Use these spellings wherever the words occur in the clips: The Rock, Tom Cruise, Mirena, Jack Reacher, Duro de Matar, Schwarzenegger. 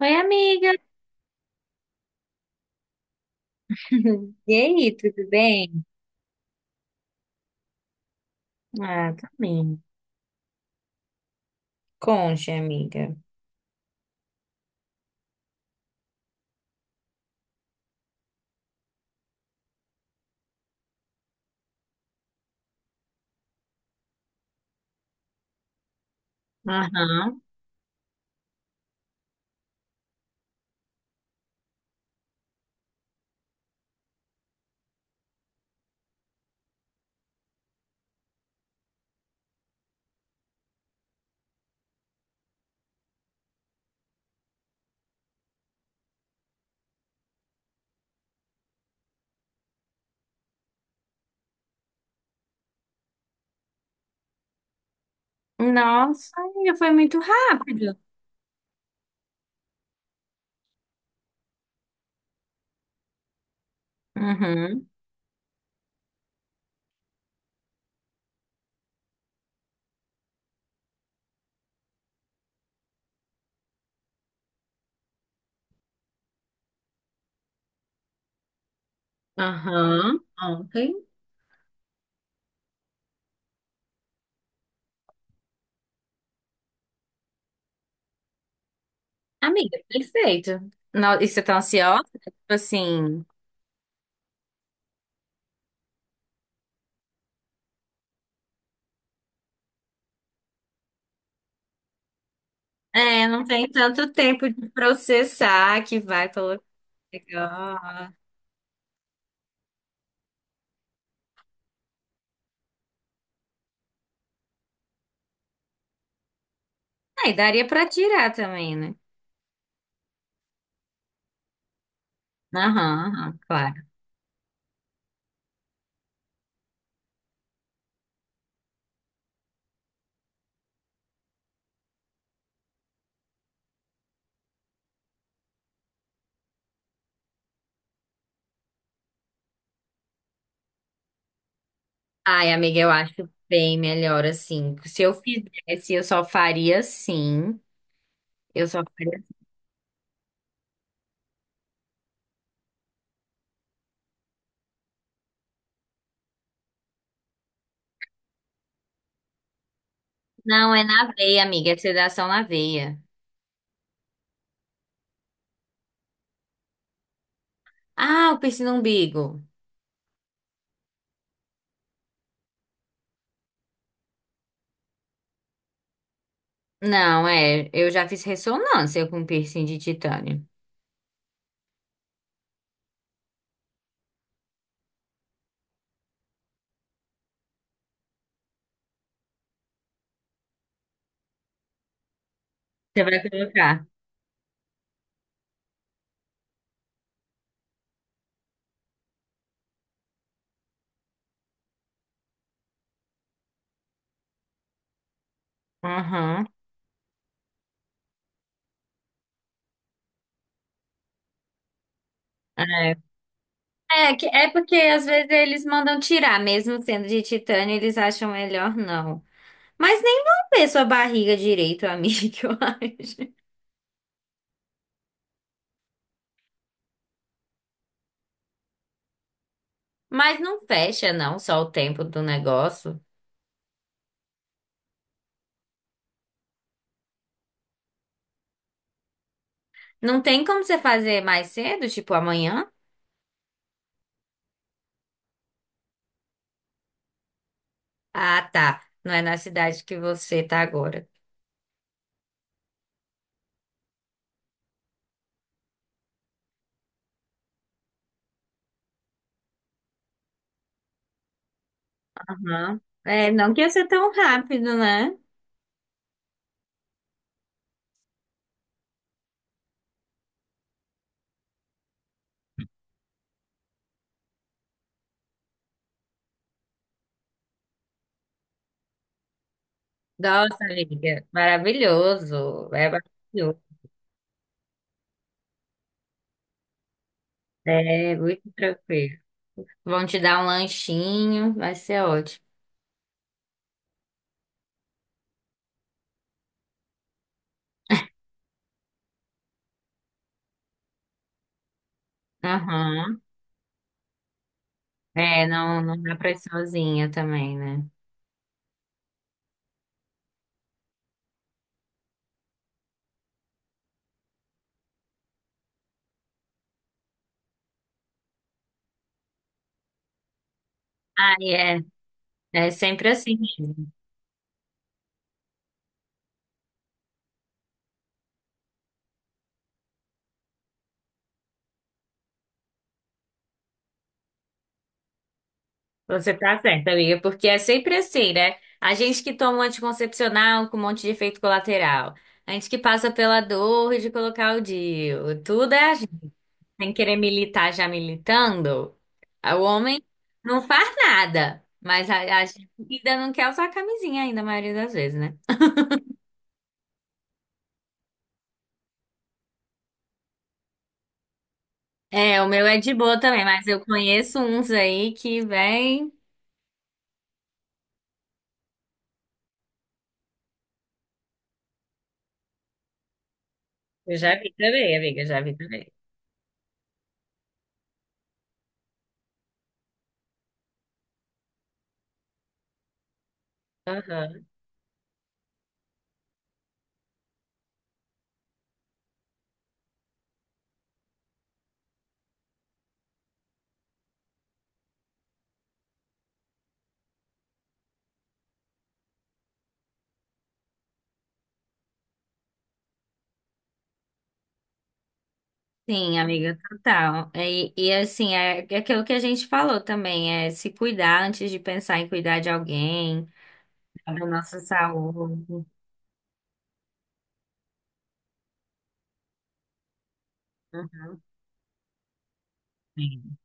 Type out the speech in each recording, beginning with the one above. Oi, amiga. E aí, tudo bem? Ah, também. Conte, amiga. Aham. Nossa, amiga, foi muito rápido. Uhum. Aham. Ontem. Amiga, perfeito. E você tá ansiosa? Tipo assim, não tem tanto tempo de processar que vai colocar. Ah, e daria pra tirar também, né? Aham, aham, claro. Ai, amiga, eu acho bem melhor assim. Se eu fizesse, eu só faria assim. Eu só faria. Não, é na veia, amiga, é sedação na veia. Ah, o piercing no umbigo. Não, é, eu já fiz ressonância com piercing de titânio. Você vai colocar. Uhum. É. É porque às vezes eles mandam tirar, mesmo sendo de titânio, eles acham melhor não. Mas nem vão ver sua barriga direito, amiga, eu acho. Mas não fecha, não, só o tempo do negócio. Não tem como você fazer mais cedo, tipo amanhã? Ah, tá. Não é na cidade que você tá agora. Aham. É, não que ia ser tão rápido, né? Nossa, amiga, maravilhoso. É maravilhoso. É muito tranquilo. Vão te dar um lanchinho, vai ser ótimo. Aham. É, não, não dá pra ir sozinha também, né? Ah, é. É sempre assim. Você tá certa, amiga, porque é sempre assim, né? A gente que toma um anticoncepcional com um monte de efeito colateral. A gente que passa pela dor de colocar o DIU. Tudo é a gente. Sem querer militar já militando. O homem não faz nada, mas a gente ainda não quer usar a camisinha ainda, a maioria das vezes, né? É, o meu é de boa também, mas eu conheço uns aí que vem. Eu já vi também, amiga, já vi também. Sim, amiga, total. E, e assim, é aquilo que a gente falou também, é se cuidar antes de pensar em cuidar de alguém, da nossa saúde. Uhum.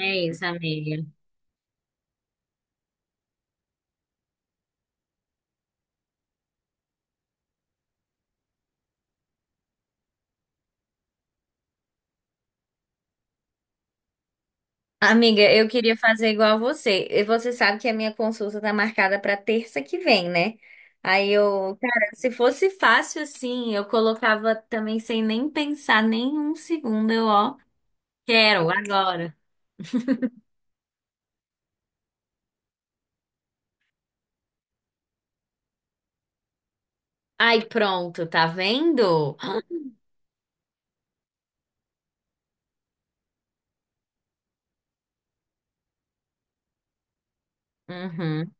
É isso, amiga. Amiga, eu queria fazer igual a você. E você sabe que a minha consulta tá marcada para terça que vem, né? Aí eu, cara, se fosse fácil assim, eu colocava também sem nem pensar nem um segundo, eu, ó, quero agora. Ai, pronto, tá vendo? Uhum.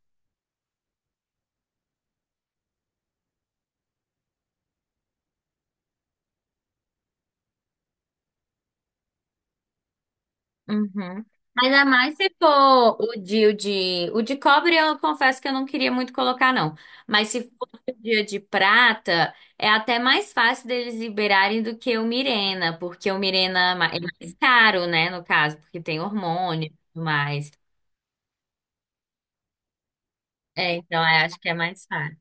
Uhum. Ainda mais se for o de cobre, eu confesso que eu não queria muito colocar, não. Mas se for o dia de prata, é até mais fácil deles liberarem do que o Mirena, porque o Mirena é mais caro, né, no caso, porque tem hormônio e tudo mais. É, então, eu acho que é mais fácil.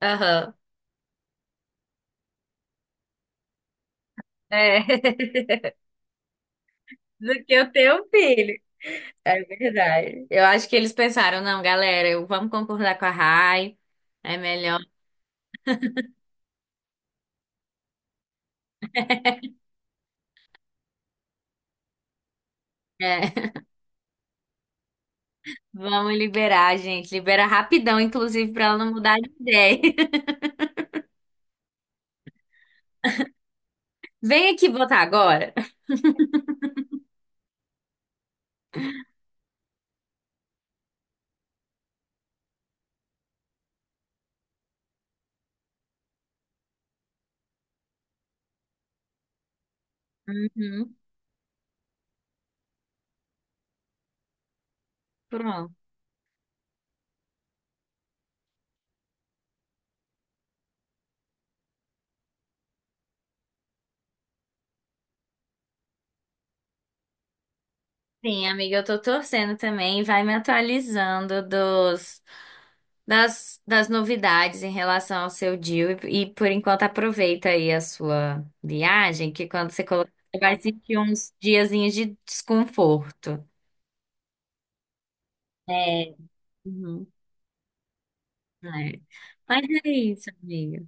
Aham. É. Do que o teu filho. É verdade. Eu acho que eles pensaram, não, galera, eu, vamos concordar com a Rai, é melhor. É, vamos liberar, gente. Libera rapidão, inclusive, pra ela não mudar de ideia. Vem aqui botar agora. Uhum, pronto. Sim, amiga, eu tô torcendo também. Vai me atualizando das novidades em relação ao seu deal. E, por enquanto, aproveita aí a sua viagem, que quando você colocar, você vai sentir uns diazinhos de desconforto. É. Uhum, é. Mas é isso, amiga.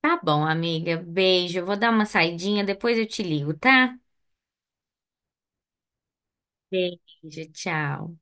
Tá bom, amiga. Beijo. Eu vou dar uma saidinha, depois eu te ligo, tá? Beijo, tchau.